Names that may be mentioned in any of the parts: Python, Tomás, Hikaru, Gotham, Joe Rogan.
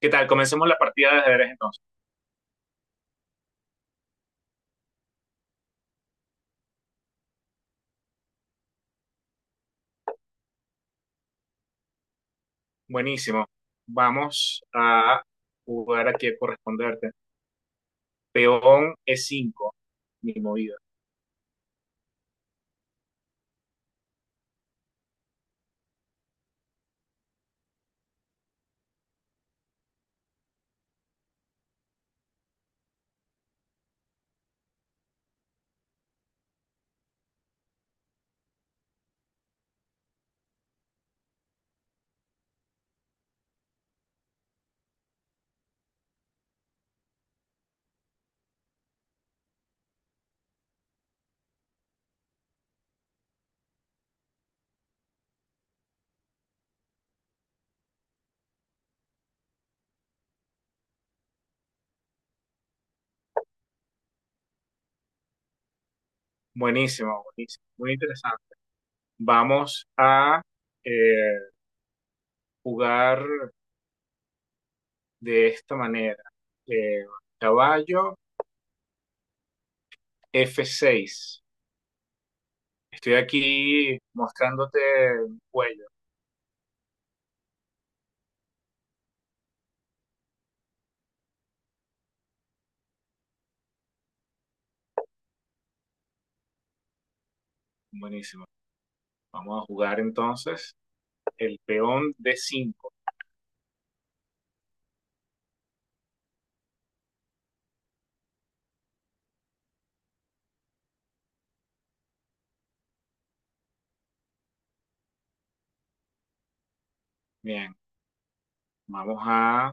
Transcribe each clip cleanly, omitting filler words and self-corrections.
¿Qué tal? Comencemos la partida de ajedrez entonces. Buenísimo. Vamos a jugar aquí a corresponderte. Peón e cinco, mi movida. Buenísimo, buenísimo. Muy interesante. Vamos a eh, jugar de esta manera. Eh, Caballo f seis. Estoy aquí mostrándote el cuello. Buenísimo. Vamos a jugar entonces el peón d cinco. Bien, vamos a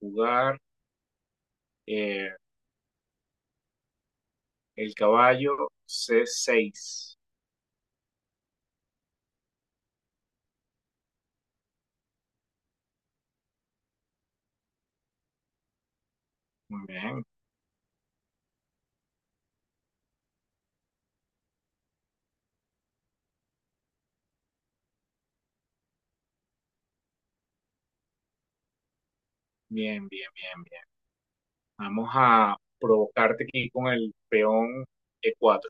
jugar. Eh, el caballo C6. Muy bien, bien, bien, bien, bien. Vamos a provocarte aquí con el peón E4.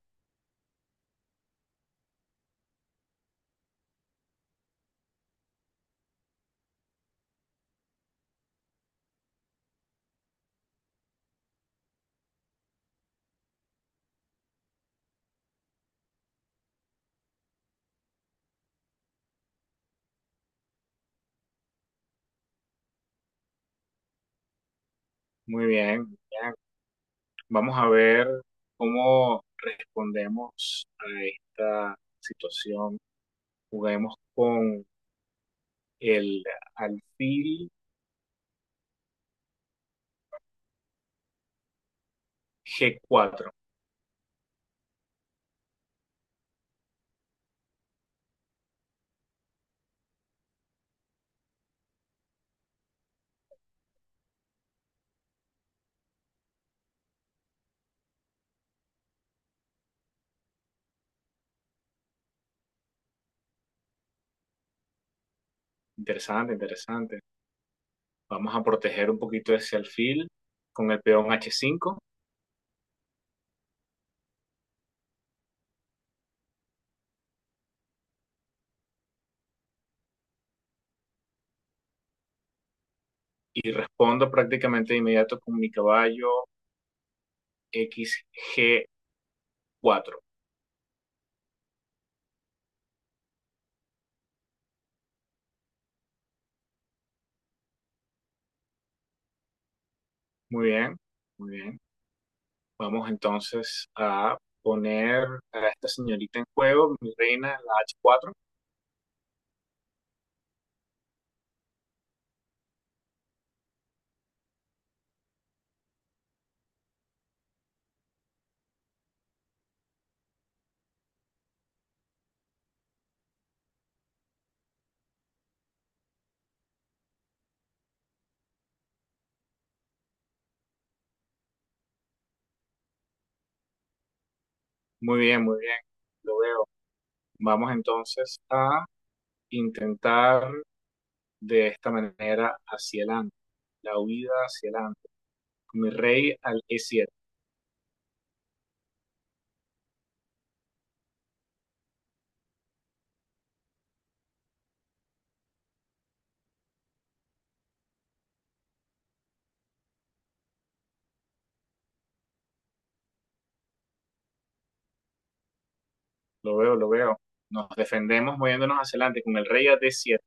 Muy bien, bien. Vamos a ver cómo respondemos a esta situación. Juguemos con el alfil G4. Interesante, interesante. Vamos a proteger un poquito ese alfil con el peón H5 y respondo prácticamente de inmediato con mi caballo xg cuatro. Muy bien, muy bien. Vamos entonces a poner a esta señorita en juego, mi reina, la h cuatro. Muy bien, lo veo. Vamos entonces a intentar de esta manera hacia adelante, la huida hacia adelante, mi rey al e siete. Lo veo, lo veo. Nos defendemos moviéndonos hacia adelante con el rey a d siete.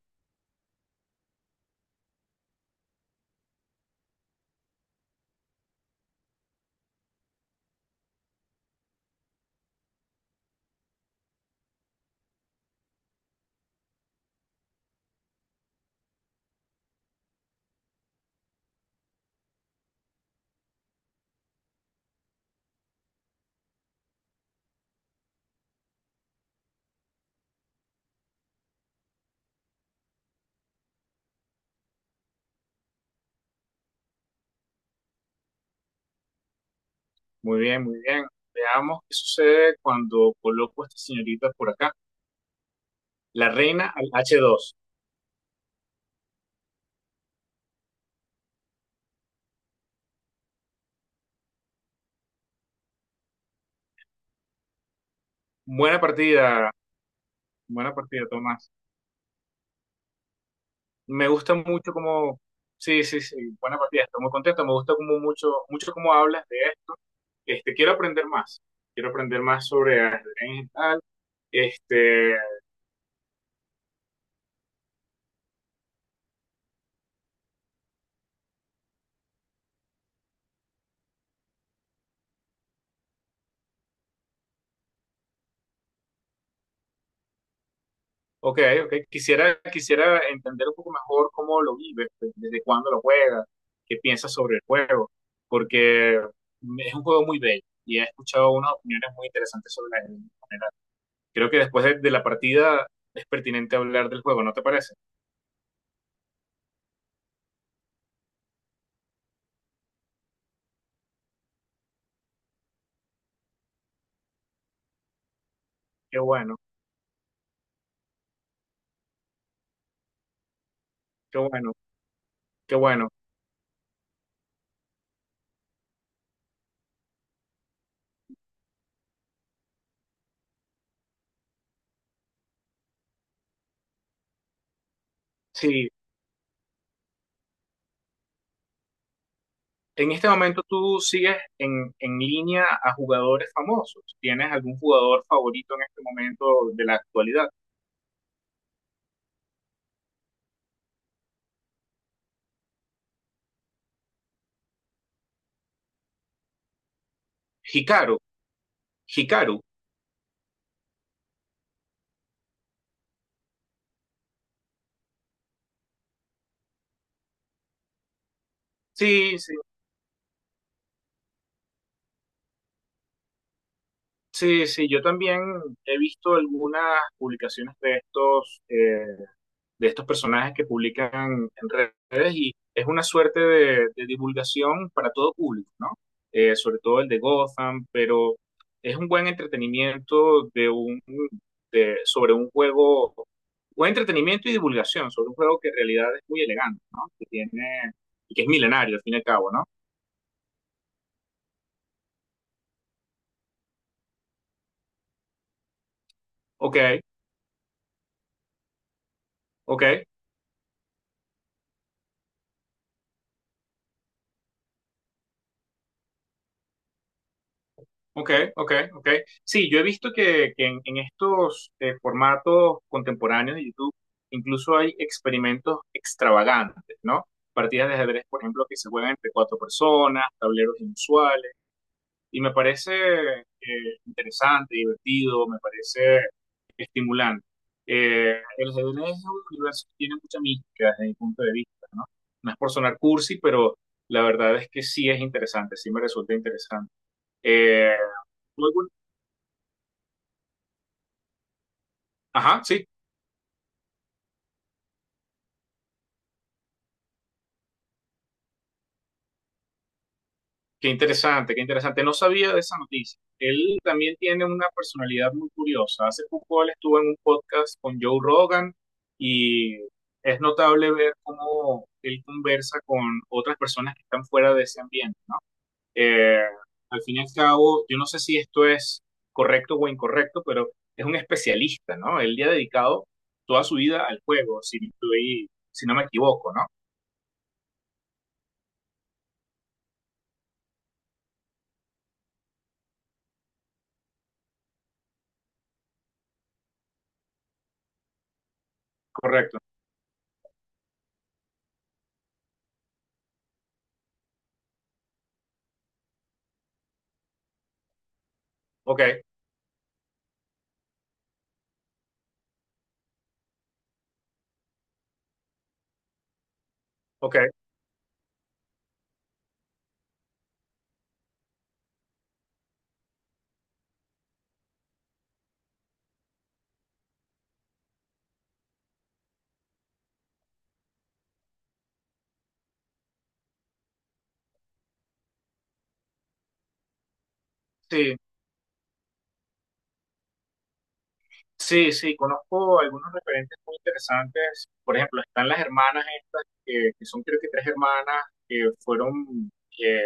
Muy bien, muy bien. Veamos qué sucede cuando coloco a esta señorita por acá. La reina al h dos. Buena partida, buena partida, Tomás. Me gusta mucho cómo, sí, sí, sí, buena partida, estoy muy contento, me gusta como mucho, mucho cómo hablas de esto. Este, quiero aprender más sobre ajedrez y tal. Este, ok, ok, quisiera, quisiera entender un poco mejor cómo lo vives, de- desde cuándo lo juegas, qué piensas sobre el juego, porque es un juego muy bello y he escuchado unas opiniones muy interesantes sobre el ajedrez. Creo que después de la partida es pertinente hablar del juego, ¿no te parece? Qué bueno, qué bueno, qué bueno. Sí, en este momento tú sigues en línea a jugadores famosos. ¿Tienes algún jugador favorito en este momento de la actualidad? Hikaru, Hikaru. Sí, sí, sí, sí. Yo también he visto algunas publicaciones de estos. De estos personajes que publican en redes y es una suerte de divulgación para todo público, ¿no? Sobre todo el de Gotham, pero es un buen entretenimiento de un, de, sobre un juego, buen entretenimiento y divulgación sobre un juego que en realidad es muy elegante, ¿no? Que tiene, que es milenario al fin y al cabo, ¿no? Ok, ok, ok, ok, ok. Sí, yo he visto que en estos formatos contemporáneos de YouTube incluso hay experimentos extravagantes, ¿no? Partidas de ajedrez, por ejemplo, que se juegan entre cuatro personas, tableros inusuales, y me parece interesante, divertido, me parece estimulante. El ajedrez es un universo que tiene mucha mística desde mi punto de vista, ¿no? No es por sonar cursi, pero la verdad es que sí es interesante, sí me resulta interesante. Eh, Ajá, sí, qué interesante, qué interesante. No sabía de esa noticia. Él también tiene una personalidad muy curiosa. Hace poco él estuvo en un podcast con Joe Rogan y es notable ver cómo él conversa con otras personas que están fuera de ese ambiente, ¿no? Eh, al fin y al cabo, yo no sé si esto es correcto o incorrecto, pero es un especialista, ¿no? Él le ha dedicado toda su vida al juego, si, estoy- si no me equivoco, ¿no? Correcto. Ok, ok. Sí, sí, sí, conozco algunos referentes muy interesantes. Por ejemplo, están las hermanas estas, que son creo que tres hermanas que fueron eh,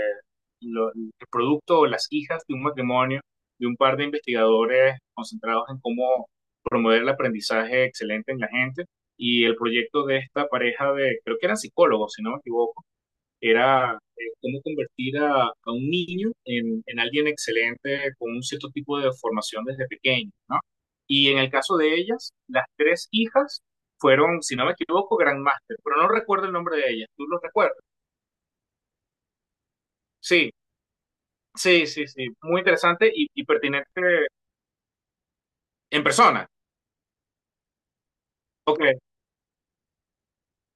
lo- el producto o las hijas de un matrimonio de un par de investigadores concentrados en cómo promover el aprendizaje excelente en la gente. Y el proyecto de esta pareja de, creo que eran psicólogos, si no me equivoco era cómo convertir a un niño en alguien excelente con un cierto tipo de formación desde pequeño, ¿no? Y en el caso de ellas, las tres hijas fueron, si no me equivoco, Grandmaster, pero no recuerdo el nombre de ellas, ¿tú lo recuerdas? Sí, sí, sí, sí, muy interesante y pertinente en persona. Ok,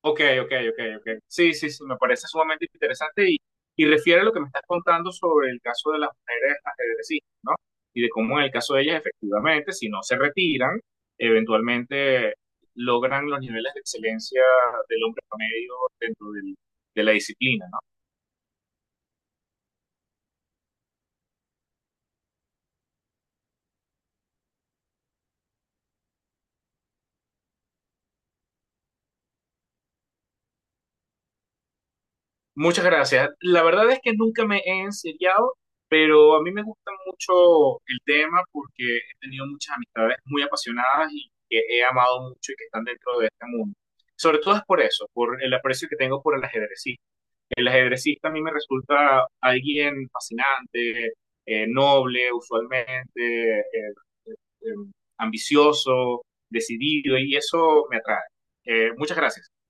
ok, ok, ok, ok. Sí, sí, sí, me parece sumamente interesante y refiere a lo que me estás contando sobre el caso de las mujeres ajedrecistas, ¿no? Y de cómo en el caso de ellas, efectivamente, si no se retiran, eventualmente logran los niveles de excelencia del hombre promedio dentro del- de la disciplina, ¿no? Muchas gracias. La verdad es que nunca me he enseriado, pero a mí me gusta mucho el tema porque he tenido muchas amistades muy apasionadas y que he amado mucho y que están dentro de este mundo. Sobre todo es por eso, por el aprecio que tengo por el ajedrecista. El ajedrecista a mí me resulta alguien fascinante, noble usualmente, eh, eh, ambicioso, decidido y eso me atrae. Muchas gracias.